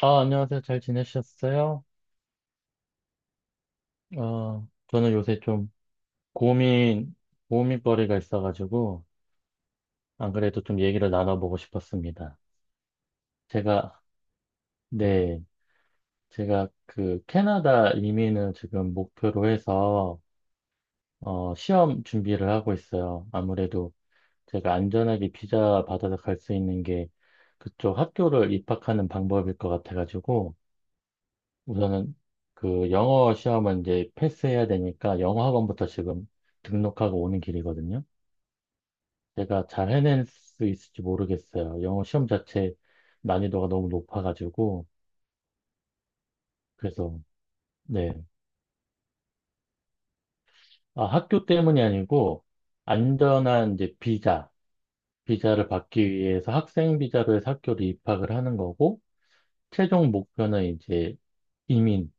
아, 안녕하세요. 잘 지내셨어요? 저는 요새 좀 고민, 고민거리가 있어가지고, 안 그래도 좀 얘기를 나눠보고 싶었습니다. 제가, 네, 제가 그 캐나다 이민을 지금 목표로 해서, 시험 준비를 하고 있어요. 아무래도 제가 안전하게 비자 받아서 갈 수 있는 게 그쪽 학교를 입학하는 방법일 것 같아가지고, 우선은 그 영어 시험은 이제 패스해야 되니까 영어 학원부터 지금 등록하고 오는 길이거든요. 제가 잘 해낼 수 있을지 모르겠어요. 영어 시험 자체 난이도가 너무 높아가지고 그래서. 네. 아, 학교 때문이 아니고 안전한 이제 비자를 받기 위해서 학생 비자로 해서 학교를 입학을 하는 거고 최종 목표는 이제 이민,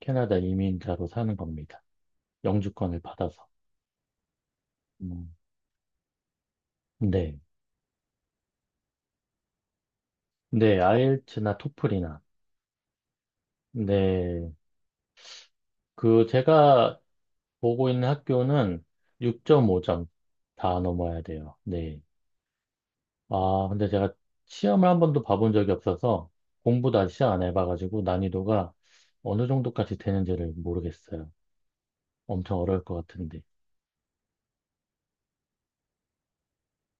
캐나다 이민자로 사는 겁니다. 영주권을 받아서. 음, 네. 네, 아이엘츠나 토플이나. 네, 그 제가 보고 있는 학교는 6.5점 다 넘어야 돼요. 네. 아, 근데 제가 시험을 한 번도 봐본 적이 없어서 공부도 아직 시작 안 해봐가지고 난이도가 어느 정도까지 되는지를 모르겠어요. 엄청 어려울 것 같은데.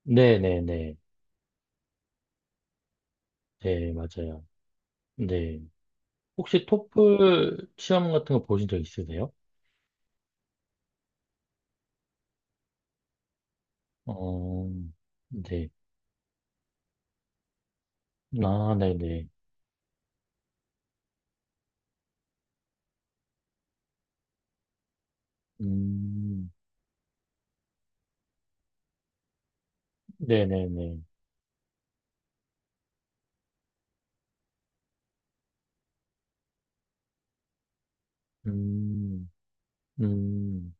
네네네. 네, 네. 네, 맞아요. 네. 혹시 토플 시험 같은 거 보신 적 있으세요? 어, 네. 아, 네네. 음, 네네네. 음, 음,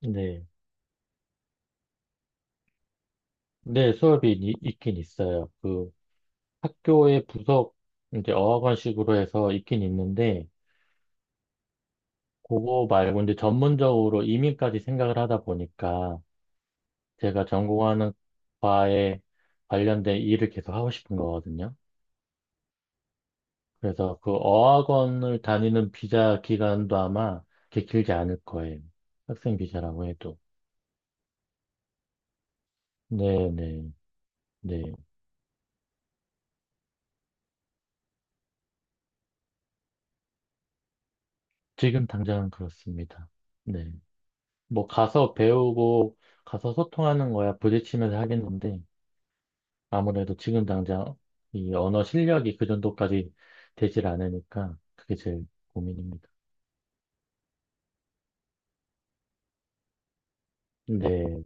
네. 네, 수업이 있긴 있어요. 그 학교의 부속 이제 어학원식으로 해서 있긴 있는데, 그거 말고 이제 전문적으로 이민까지 생각을 하다 보니까 제가 전공하는 과에 관련된 일을 계속 하고 싶은 거거든요. 그래서 그 어학원을 다니는 비자 기간도 아마 그렇게 길지 않을 거예요. 학생 비자라고 해도. 네, 네, 네. 지금 당장은 그렇습니다. 네. 뭐 가서 배우고 가서 소통하는 거야 부딪히면서 하겠는데 아무래도 지금 당장 이 언어 실력이 그 정도까지 되질 않으니까 그게 제일 고민입니다. 네,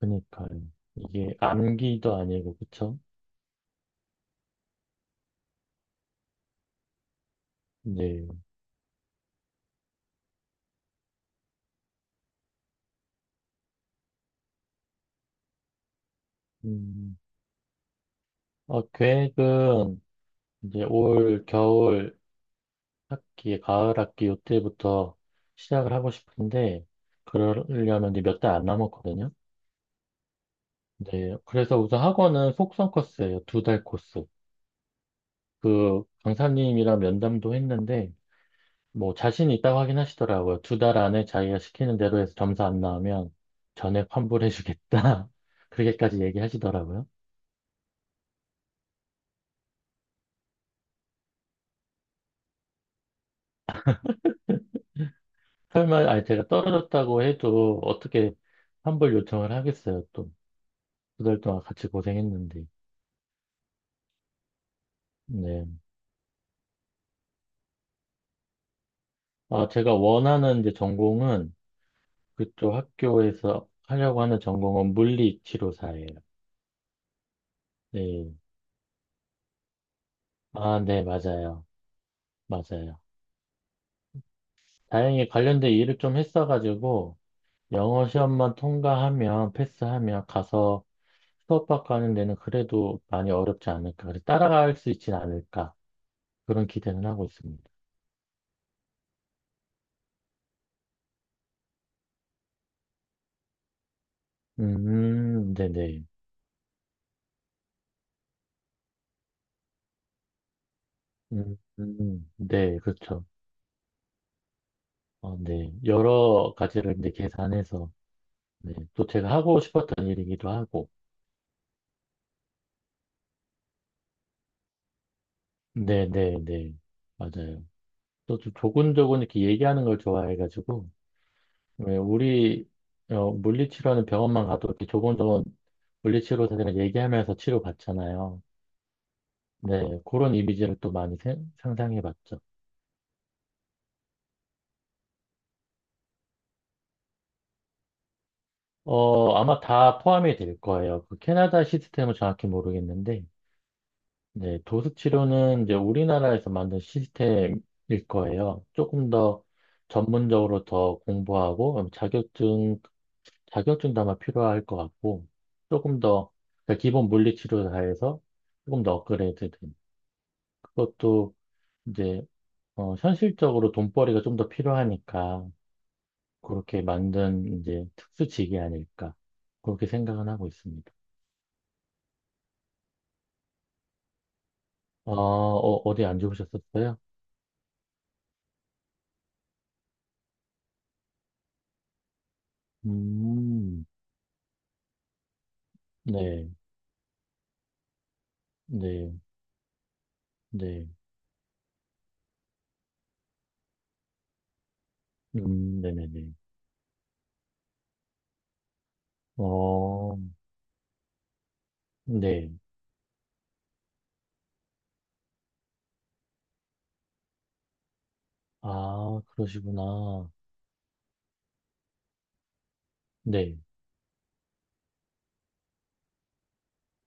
그러니까요. 이게 암기도 아니고 그쵸? 네. 음, 계획은 이제 올 겨울 학기, 가을 학기 요때부터 시작을 하고 싶은데 그러려면 이제 몇 달 안 남았거든요. 네, 그래서 우선 학원은 속성 코스예요. 두 달 코스. 그 강사님이랑 면담도 했는데 뭐 자신 있다고 하긴 하시더라고요. 두 달 안에 자기가 시키는 대로 해서 점수 안 나오면 전액 환불해주겠다. 그렇게까지 얘기하시더라고요. 설마 아니 제가 떨어졌다고 해도 어떻게 환불 요청을 하겠어요, 또. 두 달 동안 같이 고생했는데. 네. 아, 제가 원하는 이제 전공은 그쪽 학교에서 하려고 하는 전공은 물리치료사예요. 네. 아, 네, 맞아요. 맞아요. 다행히 관련된 일을 좀 했어가지고 영어 시험만 통과하면, 패스하면 가서 수업받고 하는 데는 그래도 많이 어렵지 않을까. 그래서 따라갈 수 있진 않을까. 그런 기대는 하고 있습니다. 네네. 네, 그렇죠. 어, 네. 여러 가지를 이제 계산해서, 네. 또 제가 하고 싶었던 일이기도 하고. 네네네. 맞아요. 또 조곤조곤 이렇게 얘기하는 걸 좋아해가지고, 왜 우리 물리치료하는 병원만 가도 이렇게 조곤조곤 물리치료사들이랑 얘기하면서 치료받잖아요. 네, 그런 이미지를 또 많이 상상해봤죠. 아마 다 포함이 될 거예요. 그 캐나다 시스템은 정확히 모르겠는데. 네, 도수치료는 이제 우리나라에서 만든 시스템일 거예요. 조금 더 전문적으로 더 공부하고 자격증도 아마 필요할 것 같고, 조금 더, 그러니까 기본 물리치료 다 해서 조금 더 업그레이드 된. 그것도 이제 현실적으로 돈벌이가 좀 더 필요하니까, 그렇게 만든 이제 특수직이 아닐까. 그렇게 생각은 하고 있습니다. 디안 좋으셨었어요? 음, 네, 네. 네. 네네네. 어, 네. 아, 그러시구나. 네,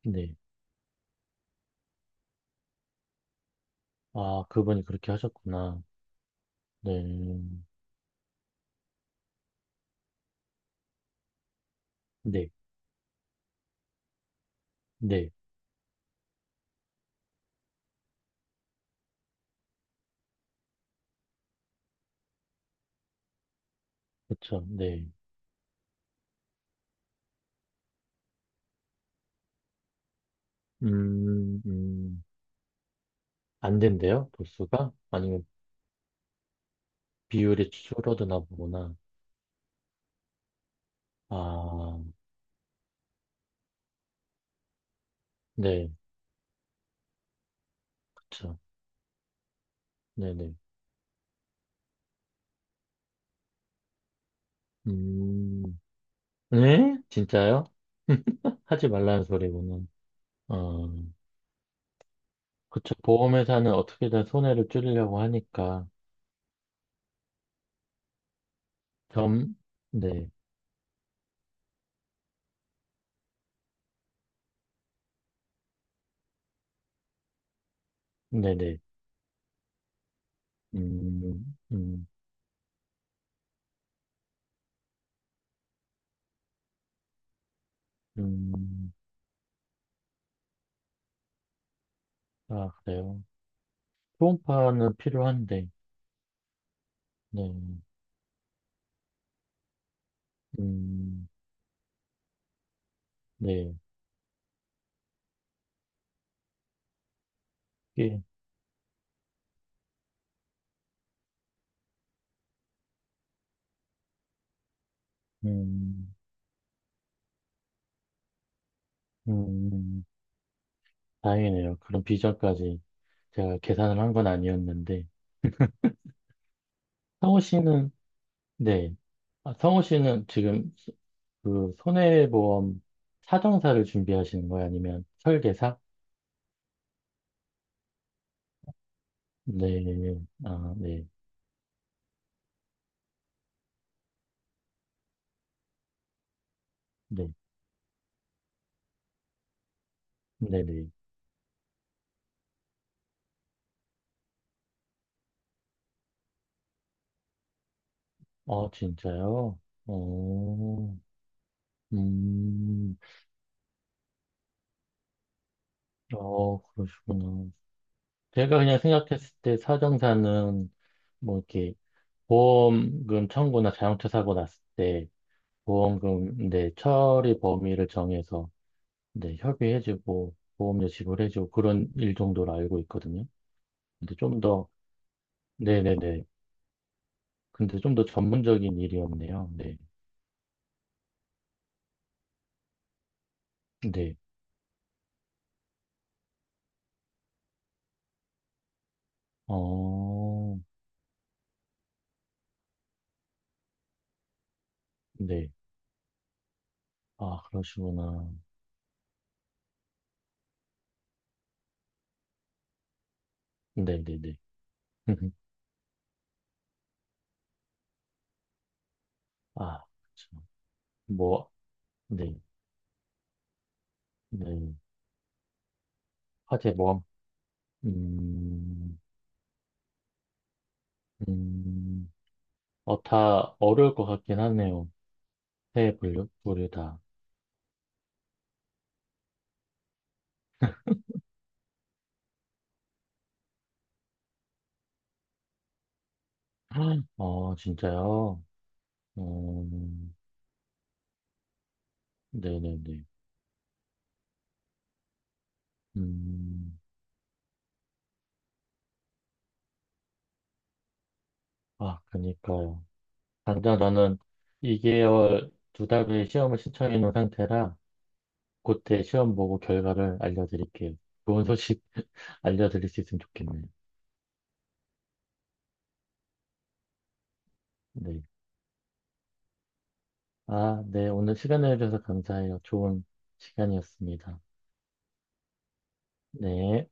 네. 아, 그분이 그렇게 하셨구나. 네, 네, 네. 그쵸, 네. 음, 음. 안 된대요? 도수가? 아니면 비율이 줄어드나 보구나. 아, 네, 그쵸. 네네. 음, 네? 진짜요? 하지 말라는 소리구나. 어, 그쵸. 보험회사는 어떻게든 손해를 줄이려고 하니까. 점, 네, 네네. 음, 음, 음, 아, 그래요. 초음파는 필요한데, 네, 음, 네, 이게, 음, 음, 음. 다행이네요. 그런 비전까지 제가 계산을 한 건 아니었는데, 성우 씨는, 네, 아, 성우 씨는 지금 그 손해보험 사정사를 준비하시는 거예요? 아니면 설계사? 네, 아, 네, 네, 네네. 아, 진짜요? 어, 음, 그러시구나. 제가 그냥 생각했을 때 사정사는 뭐 이렇게 보험금 청구나 자동차 사고 났을 때 보험금, 네, 처리 범위를 정해서 네, 협의해주고 보험료 지불해주고 그런 일 정도로 알고 있거든요. 근데 좀 더, 네네네. 근데 좀 더 전문적인 일이었네요. 네, 네. 어, 네. 아, 그러시구나. 네네네. 아, 참. 뭐, 네, 네. 화재 모험. 음, 음, 다 어려울 것 같긴 하네요. 새 분류, 분류 다. 어, 진짜요? 음, 네네네. 음, 아, 그니까요. 당장 저는 2개월 두 달 후에 시험을 신청해 놓은 상태라 그때 시험 보고 결과를 알려드릴게요. 좋은 소식 알려드릴 수 있으면 좋겠네요. 네. 아, 네. 오늘 시간 내주셔서 감사해요. 좋은 시간이었습니다. 네.